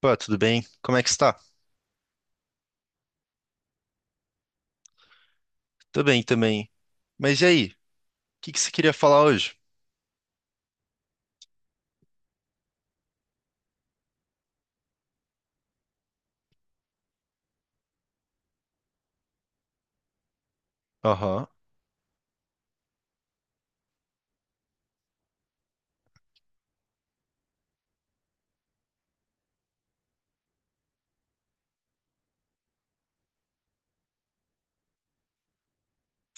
Pô, tudo bem? Como é que está? Tô bem também. Mas e aí? O que que você queria falar hoje? Aham.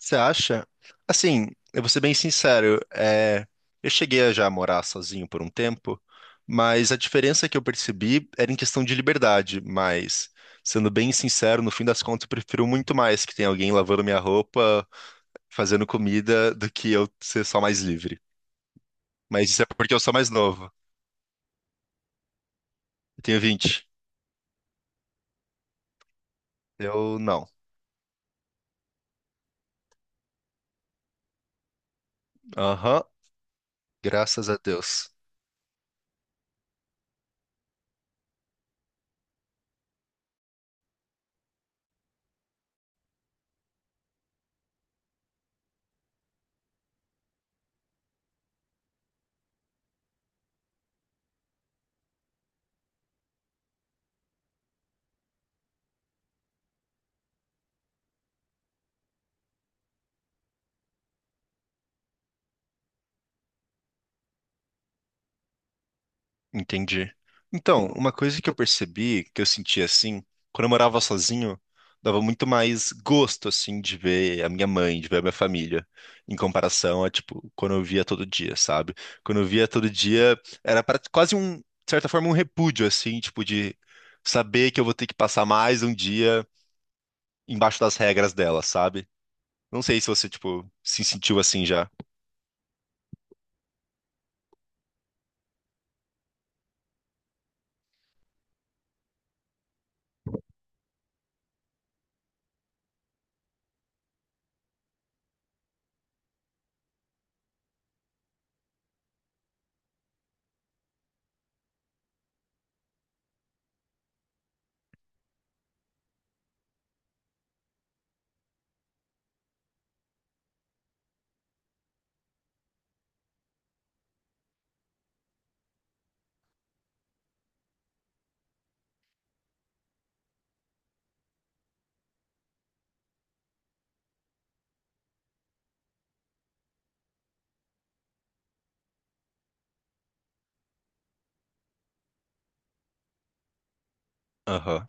Você acha? Assim, eu vou ser bem sincero, eu cheguei a já morar sozinho por um tempo, mas a diferença que eu percebi era em questão de liberdade, mas sendo bem sincero, no fim das contas eu prefiro muito mais que tenha alguém lavando minha roupa, fazendo comida, do que eu ser só mais livre. Mas isso é porque eu sou mais novo. Eu tenho 20. Eu não. Aham. Graças a Deus. Entendi. Então, uma coisa que eu percebi, que eu sentia assim, quando eu morava sozinho, dava muito mais gosto, assim, de ver a minha mãe, de ver a minha família, em comparação a, tipo, quando eu via todo dia, sabe? Quando eu via todo dia, era pra, quase um, de certa forma, um repúdio, assim, tipo, de saber que eu vou ter que passar mais um dia embaixo das regras dela, sabe? Não sei se você, tipo, se sentiu assim já. Aham.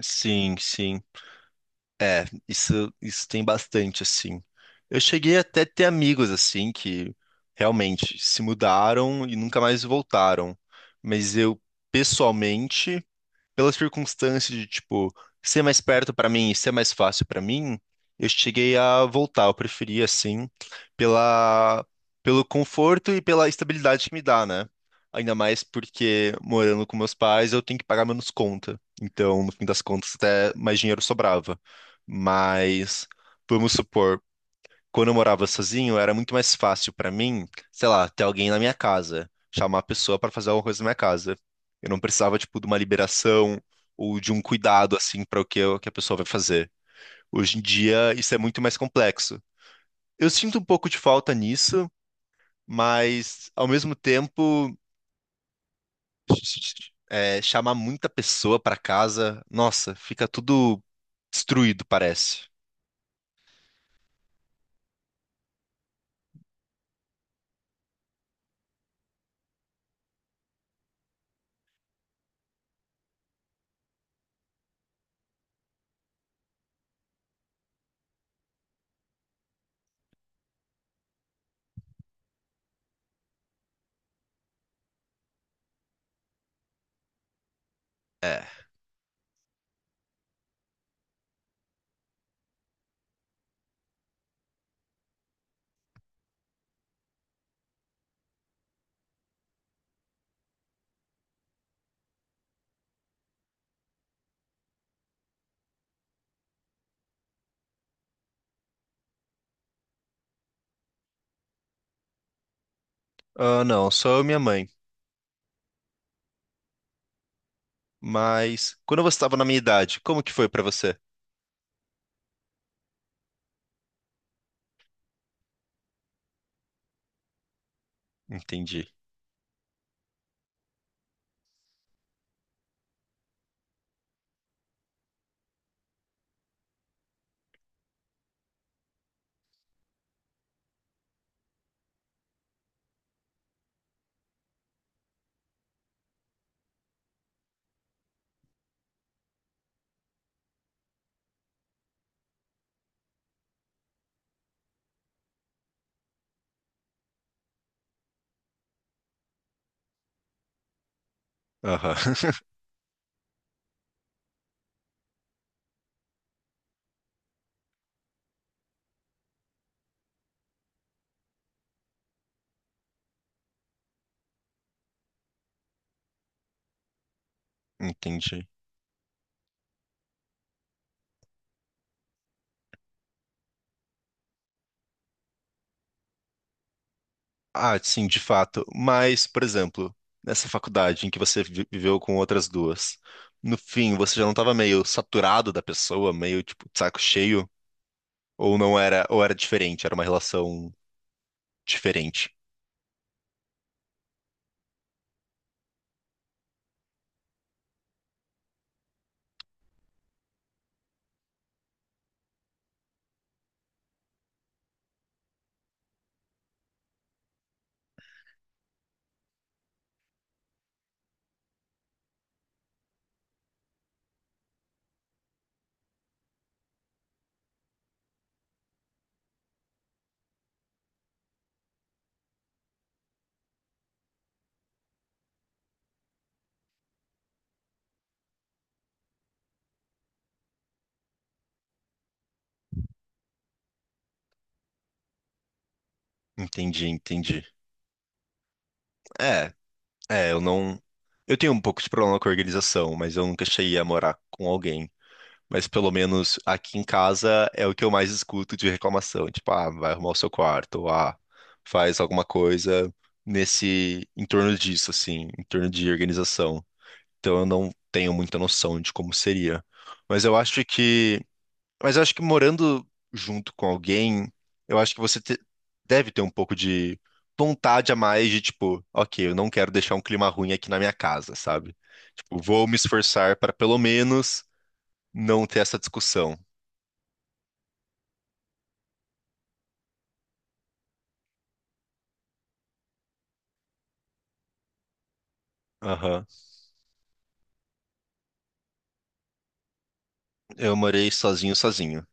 Sim, sim. É, isso tem bastante, assim. Eu cheguei até a ter amigos, assim, que realmente se mudaram e nunca mais voltaram. Mas eu, pessoalmente, pela circunstância de, tipo, ser mais perto pra mim e ser mais fácil pra mim, eu cheguei a voltar. Eu preferi, assim, pela, pelo conforto e pela estabilidade que me dá, né? Ainda mais porque morando com meus pais, eu tenho que pagar menos conta. Então, no fim das contas, até mais dinheiro sobrava. Mas, vamos supor quando eu morava sozinho, era muito mais fácil pra mim, sei lá, ter alguém na minha casa, chamar a pessoa pra fazer alguma coisa na minha casa. Eu não precisava, tipo, de uma liberação ou de um cuidado, assim, para o que, que a pessoa vai fazer. Hoje em dia, isso é muito mais complexo. Eu sinto um pouco de falta nisso, mas, ao mesmo tempo, chamar muita pessoa pra casa, nossa, fica tudo destruído, parece. É. Ah, não, só eu e minha mãe. Mas quando você estava na minha idade, como que foi pra você? Entendi. Aham. Entendi. Ah, sim, de fato. Mas, por exemplo, nessa faculdade em que viveu com outras duas, no fim, você já não estava meio saturado da pessoa, meio tipo de saco cheio? Ou não era, ou era diferente, era uma relação diferente? Entendi, entendi. É, é, eu não. Eu tenho um pouco de problema com a organização, mas eu nunca cheguei a morar com alguém. Mas pelo menos aqui em casa é o que eu mais escuto de reclamação. Tipo, ah, vai arrumar o seu quarto, ou, ah, faz alguma coisa nesse, em torno disso, assim, em torno de organização. Então eu não tenho muita noção de como seria. Mas eu acho que, mas eu acho que morando junto com alguém, eu acho que deve ter um pouco de vontade a mais de tipo, ok, eu não quero deixar um clima ruim aqui na minha casa, sabe? Tipo, vou me esforçar para pelo menos não ter essa discussão. Aham. Eu morei sozinho, sozinho.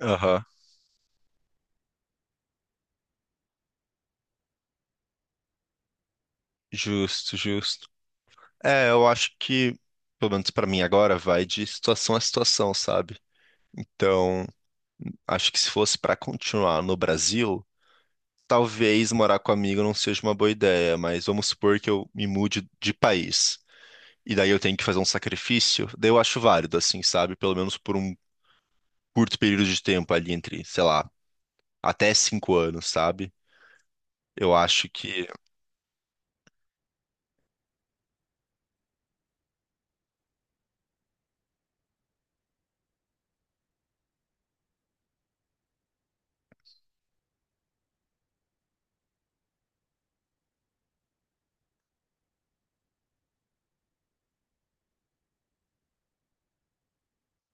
Aham. Justo, justo. É, eu acho que, pelo menos pra mim agora, vai de situação a situação, sabe? Então, acho que se fosse pra continuar no Brasil, talvez morar com amigo não seja uma boa ideia, mas vamos supor que eu me mude de país. E daí eu tenho que fazer um sacrifício, daí eu acho válido, assim, sabe? Pelo menos por um curto período de tempo ali entre, sei lá, até 5 anos, sabe? Eu acho que.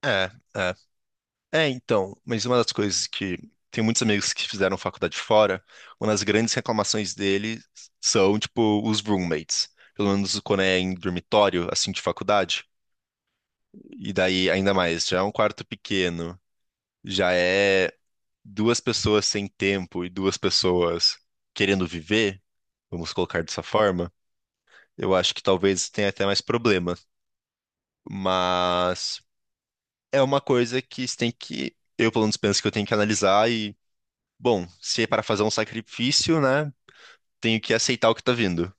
É, é. É, então, mas uma das coisas que tem muitos amigos que fizeram faculdade fora, uma das grandes reclamações deles são, tipo, os roommates. Pelo menos quando é em dormitório, assim, de faculdade. E daí, ainda mais, já é um quarto pequeno, já é duas pessoas sem tempo e duas pessoas querendo viver, vamos colocar dessa forma. Eu acho que talvez tenha até mais problema. Mas é uma coisa que você tem que. Eu, pelo menos, penso que eu tenho que analisar Bom, se é para fazer um sacrifício, né? Tenho que aceitar o que tá vindo.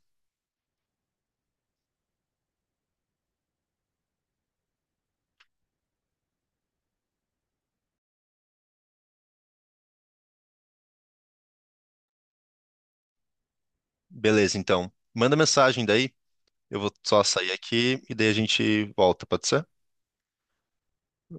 Beleza, então. Manda mensagem daí. Eu vou só sair aqui e daí a gente volta, pode ser?